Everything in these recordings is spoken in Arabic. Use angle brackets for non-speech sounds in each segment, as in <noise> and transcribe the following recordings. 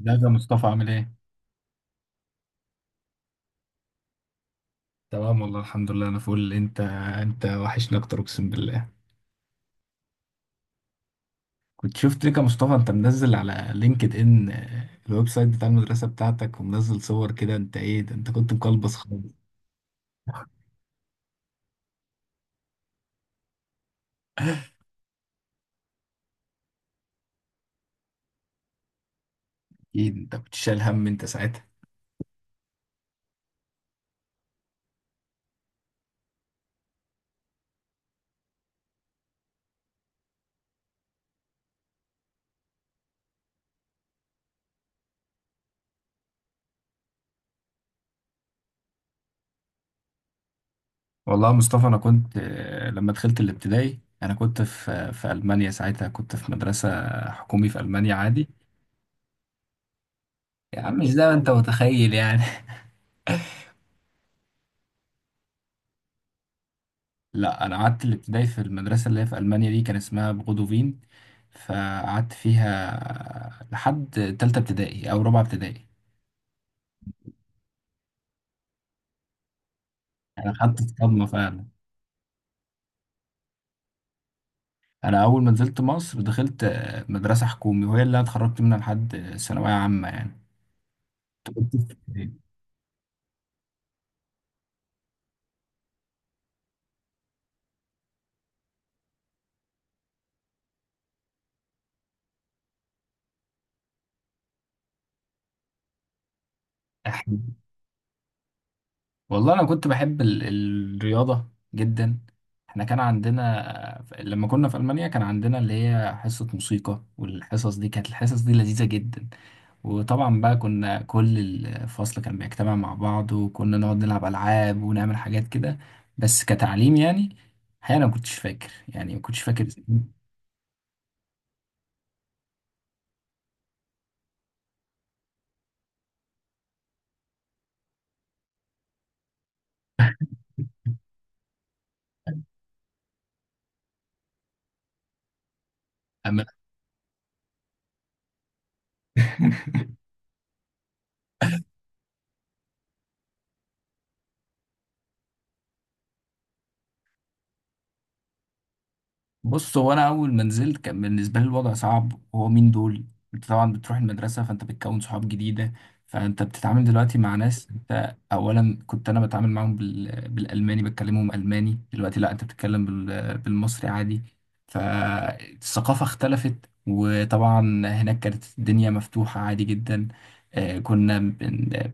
ازيك يا مصطفى عامل ايه؟ تمام والله الحمد لله انا فول. انت؟ انت وحشني اكتر اقسم بالله. كنت شفت ليك يا مصطفى، انت منزل على لينكد ان الويب سايت بتاع المدرسة بتاعتك، ومنزل صور كده. انت ايه ده؟ انت كنت مقلبص خالص. اكيد انت كنت شايل هم انت ساعتها. والله يا مصطفى انا كنت، لما دخلت الابتدائي انا كنت في المانيا ساعتها، كنت في مدرسة حكومي في المانيا عادي. يا عم مش زي ما انت متخيل يعني. لا، انا قعدت الابتدائي في المدرسه اللي هي في المانيا دي، كان اسمها بغودوفين، فقعدت فيها لحد تالتة ابتدائي او رابعه ابتدائي. انا خدت الصدمه فعلا. انا اول ما نزلت مصر دخلت مدرسه حكومي، وهي اللي انا اتخرجت منها لحد ثانويه عامه يعني. كنت في ابتدائي. والله انا كنت بحب الرياضه جدا. احنا كان عندنا لما كنا في المانيا، كان عندنا اللي هي حصه موسيقى، والحصص دي كانت الحصص دي لذيذه جدا. وطبعا بقى كنا كل الفصل كان بيجتمع مع بعض، وكنا نقعد نلعب العاب ونعمل حاجات كده، بس كتعليم يعني. الحقيقه انا ما كنتش فاكر. أما- <laughs> بص، هو انا اول ما نزلت كان بالنسبه لي الوضع صعب. هو مين دول؟ انت طبعا بتروح المدرسه، فانت بتكون صحاب جديده، فانت بتتعامل دلوقتي مع ناس. انت اولا كنت انا بتعامل معاهم بالالماني، بتكلمهم الماني. دلوقتي لا، انت بتتكلم بالمصري عادي. فالثقافه اختلفت. وطبعا هناك كانت الدنيا مفتوحه عادي جدا. آه، كنا بن...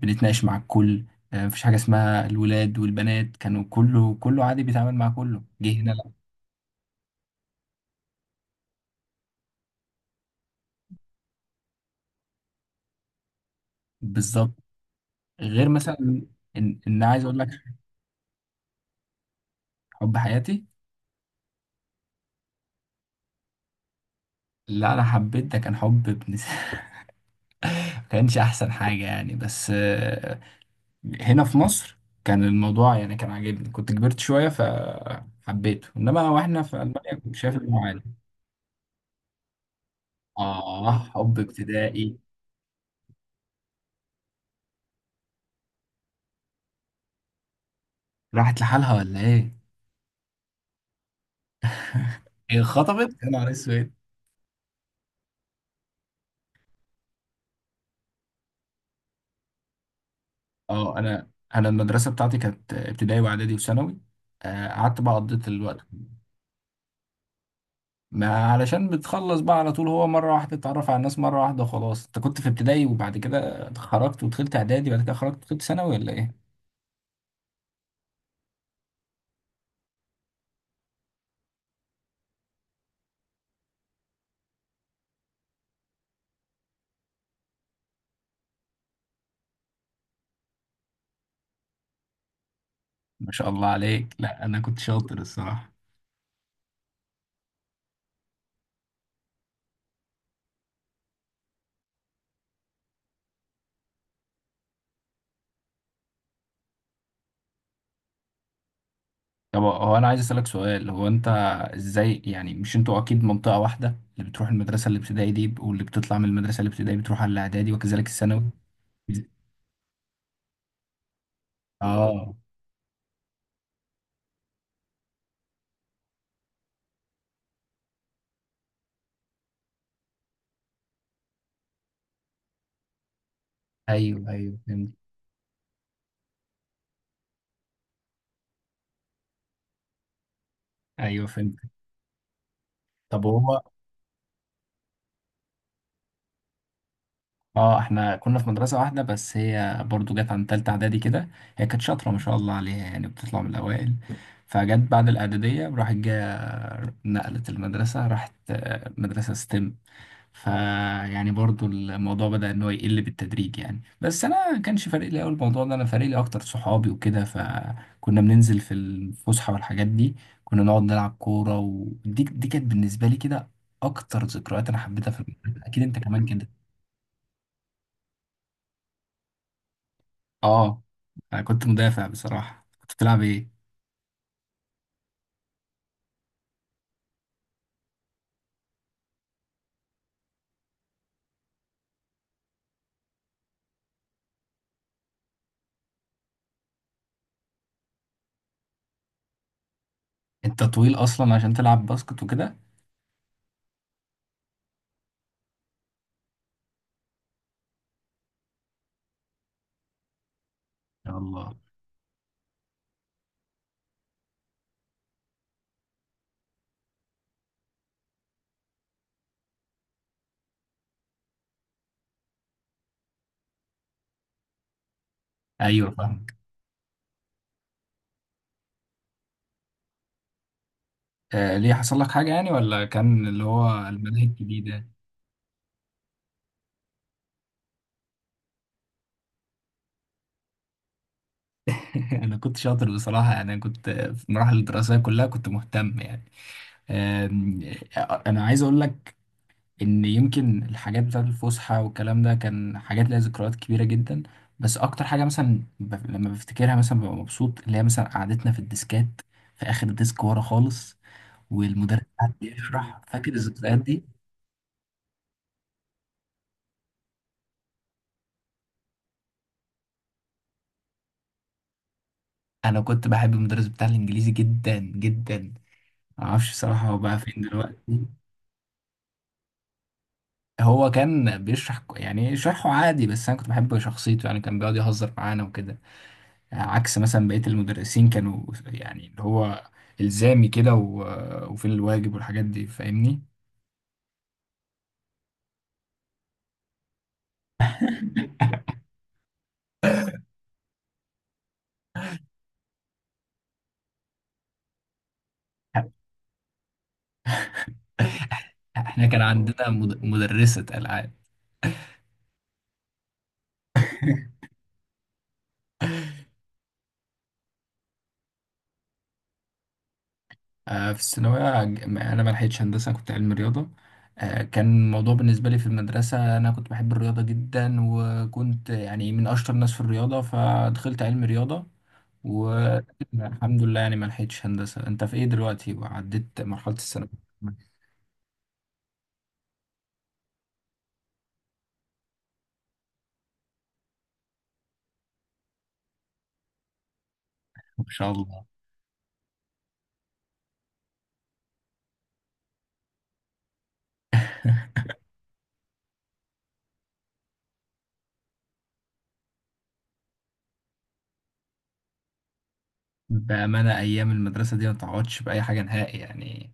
بنتناقش مع الكل. مفيش حاجه اسمها الولاد والبنات، كانوا كله كله عادي بيتعامل مع كله. جه هنا لا. بالظبط. غير مثلا ان عايز اقول لك حب حياتي. لا انا حبيت، ده كان حب <laughs> ما كانش احسن حاجه يعني. بس، هنا في مصر كان الموضوع يعني كان عاجبني، كنت كبرت شويه فحبيته. انما واحنا في المانيا كنت شايف انه عادي. اه حب ابتدائي. راحت لحالها ولا ايه؟ هي خطبت يا نهار اسود. اه، انا المدرسه بتاعتي كانت ابتدائي واعدادي وثانوي. قعدت بقى قضيت الوقت. ما علشان بتخلص بقى على طول. هو مرة واحدة تتعرف على الناس مرة واحدة وخلاص. انت كنت في ابتدائي وبعد كده خرجت ودخلت اعدادي وبعد كده خرجت ودخلت ثانوي ولا ايه؟ ما شاء الله عليك. لا انا كنت شاطر الصراحة. طب هو انا عايز اسألك سؤال، هو انت ازاي يعني؟ مش انتوا اكيد منطقة واحدة، اللي بتروح المدرسة الابتدائي دي واللي بتطلع من المدرسة الابتدائي بتروح على الاعدادي وكذلك الثانوي. اه. ايوه، ايوه فهمت. ايوه فهمت. طب هو، اه احنا كنا في مدرسة واحدة، بس هي برضو جت عن تالتة اعدادي كده. هي كانت شاطرة ما شاء الله عليها، يعني بتطلع من الاوائل. فجت بعد الاعدادية، راحت جا نقلت المدرسة، راحت مدرسة ستيم. فيعني برضو الموضوع بدأ ان هو يقل بالتدريج يعني. بس انا كانش فارق لي أوي الموضوع ده، انا فارق لي اكتر صحابي وكده. فكنا بننزل في الفسحة والحاجات دي، كنا نقعد نلعب كورة. ودي كانت بالنسبة لي كده اكتر ذكريات انا حبيتها في المدرسة. اكيد انت كمان كده. اه انا كنت مدافع بصراحة. كنت بتلعب ايه؟ انت طويل اصلا عشان تلعب باسكت وكده. يا الله. ايوه فاهمك. آه ليه، حصل لك حاجة يعني ولا كان اللي هو المناهج الجديدة؟ <laughs> انا كنت شاطر بصراحة. يعني انا كنت في المراحل الدراسية كلها كنت مهتم يعني. آم، انا عايز اقول لك ان يمكن الحاجات بتاعت الفسحة والكلام ده كان حاجات ليها ذكريات كبيرة جدا. بس اكتر حاجة مثلا لما بفتكرها مثلا ببقى مبسوط، اللي هي مثلا قعدتنا في الديسكات في اخر ديسك ورا خالص، والمدرس قعد يشرح. فاكر الذكريات دي؟ انا كنت بحب المدرس بتاع الانجليزي جدا جدا. ما اعرفش بصراحه هو بقى فين دلوقتي. هو كان بيشرح، يعني شرحه عادي، بس انا كنت بحب شخصيته يعني، كان بيقعد يهزر معانا وكده. عكس مثلا بقيه المدرسين كانوا يعني اللي هو الزامي كده، و- وفين الواجب والحاجات دي فاهمني؟ <laughs> احنا كان عندنا مدرسة العاب. <laughs> في الثانوية أنا ما لحقتش هندسة، كنت علم رياضة. كان الموضوع بالنسبة لي في المدرسة، أنا كنت بحب الرياضة جدا، وكنت يعني من أشطر الناس في الرياضة فدخلت علم رياضة، والحمد لله يعني ما لحقتش هندسة. أنت في إيه دلوقتي وعديت مرحلة الثانوية؟ ما شاء الله. بأمانة أيام المدرسة دي ما تعوضش بأي حاجة نهائي يعني.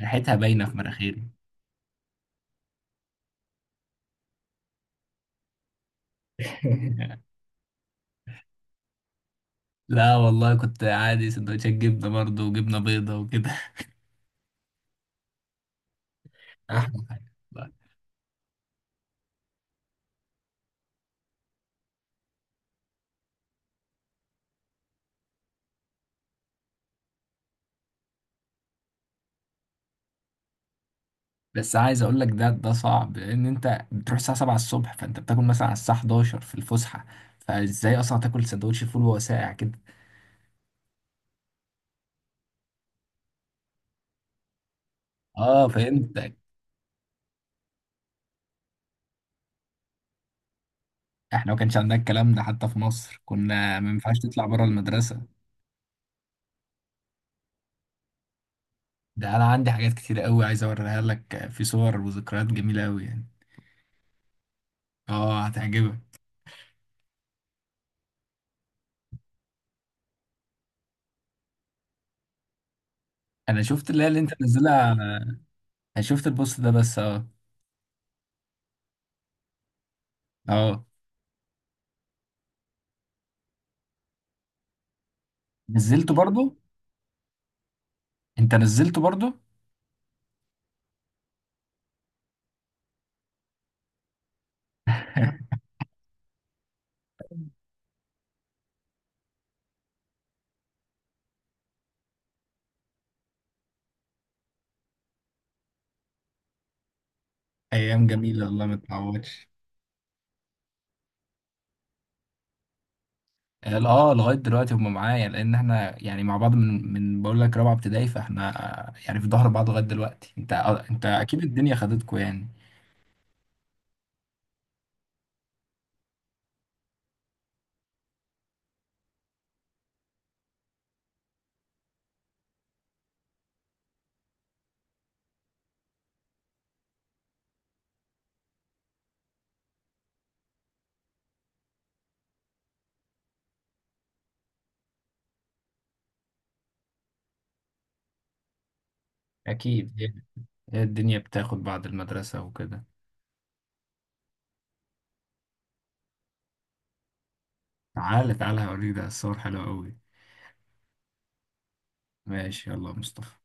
ريحتها باينة في مناخيري. <laughs> لا والله كنت عادي سندوتشات جبنة برضه وجبنة بيضة وكده. <laughs> أحلى حاجة. بس عايز اقول لك، ده صعب، لان انت بتروح الساعه 7 الصبح، فانت بتاكل مثلا على الساعه 11 في الفسحه، فازاي اصلا تاكل سندوتش فول وهو ساقع كده؟ اه فهمتك. احنا ما كانش عندنا الكلام ده، حتى في مصر كنا ما ينفعش تطلع بره المدرسه. ده انا عندي حاجات كتير قوي عايز اوريها لك في صور وذكريات جميله قوي يعني. اه هتعجبك. انا شفت اللي هي اللي انت نزلها. انا شفت البوست ده بس اه. اه نزلته برضو. انت نزلته برضو. ايام جميله والله ما تعوضش. لغايه دلوقتي هم معايا، لان احنا يعني مع بعض من بقول لك رابعه ابتدائي، فاحنا يعني في ظهر بعض لغايه دلوقتي. انت اكيد الدنيا خدتكوا يعني. اكيد يعني. هي الدنيا بتاخد بعد المدرسه وكده. تعالى تعالى هوريك، ده الصور حلوه قوي. ماشي، يلا يا مصطفى.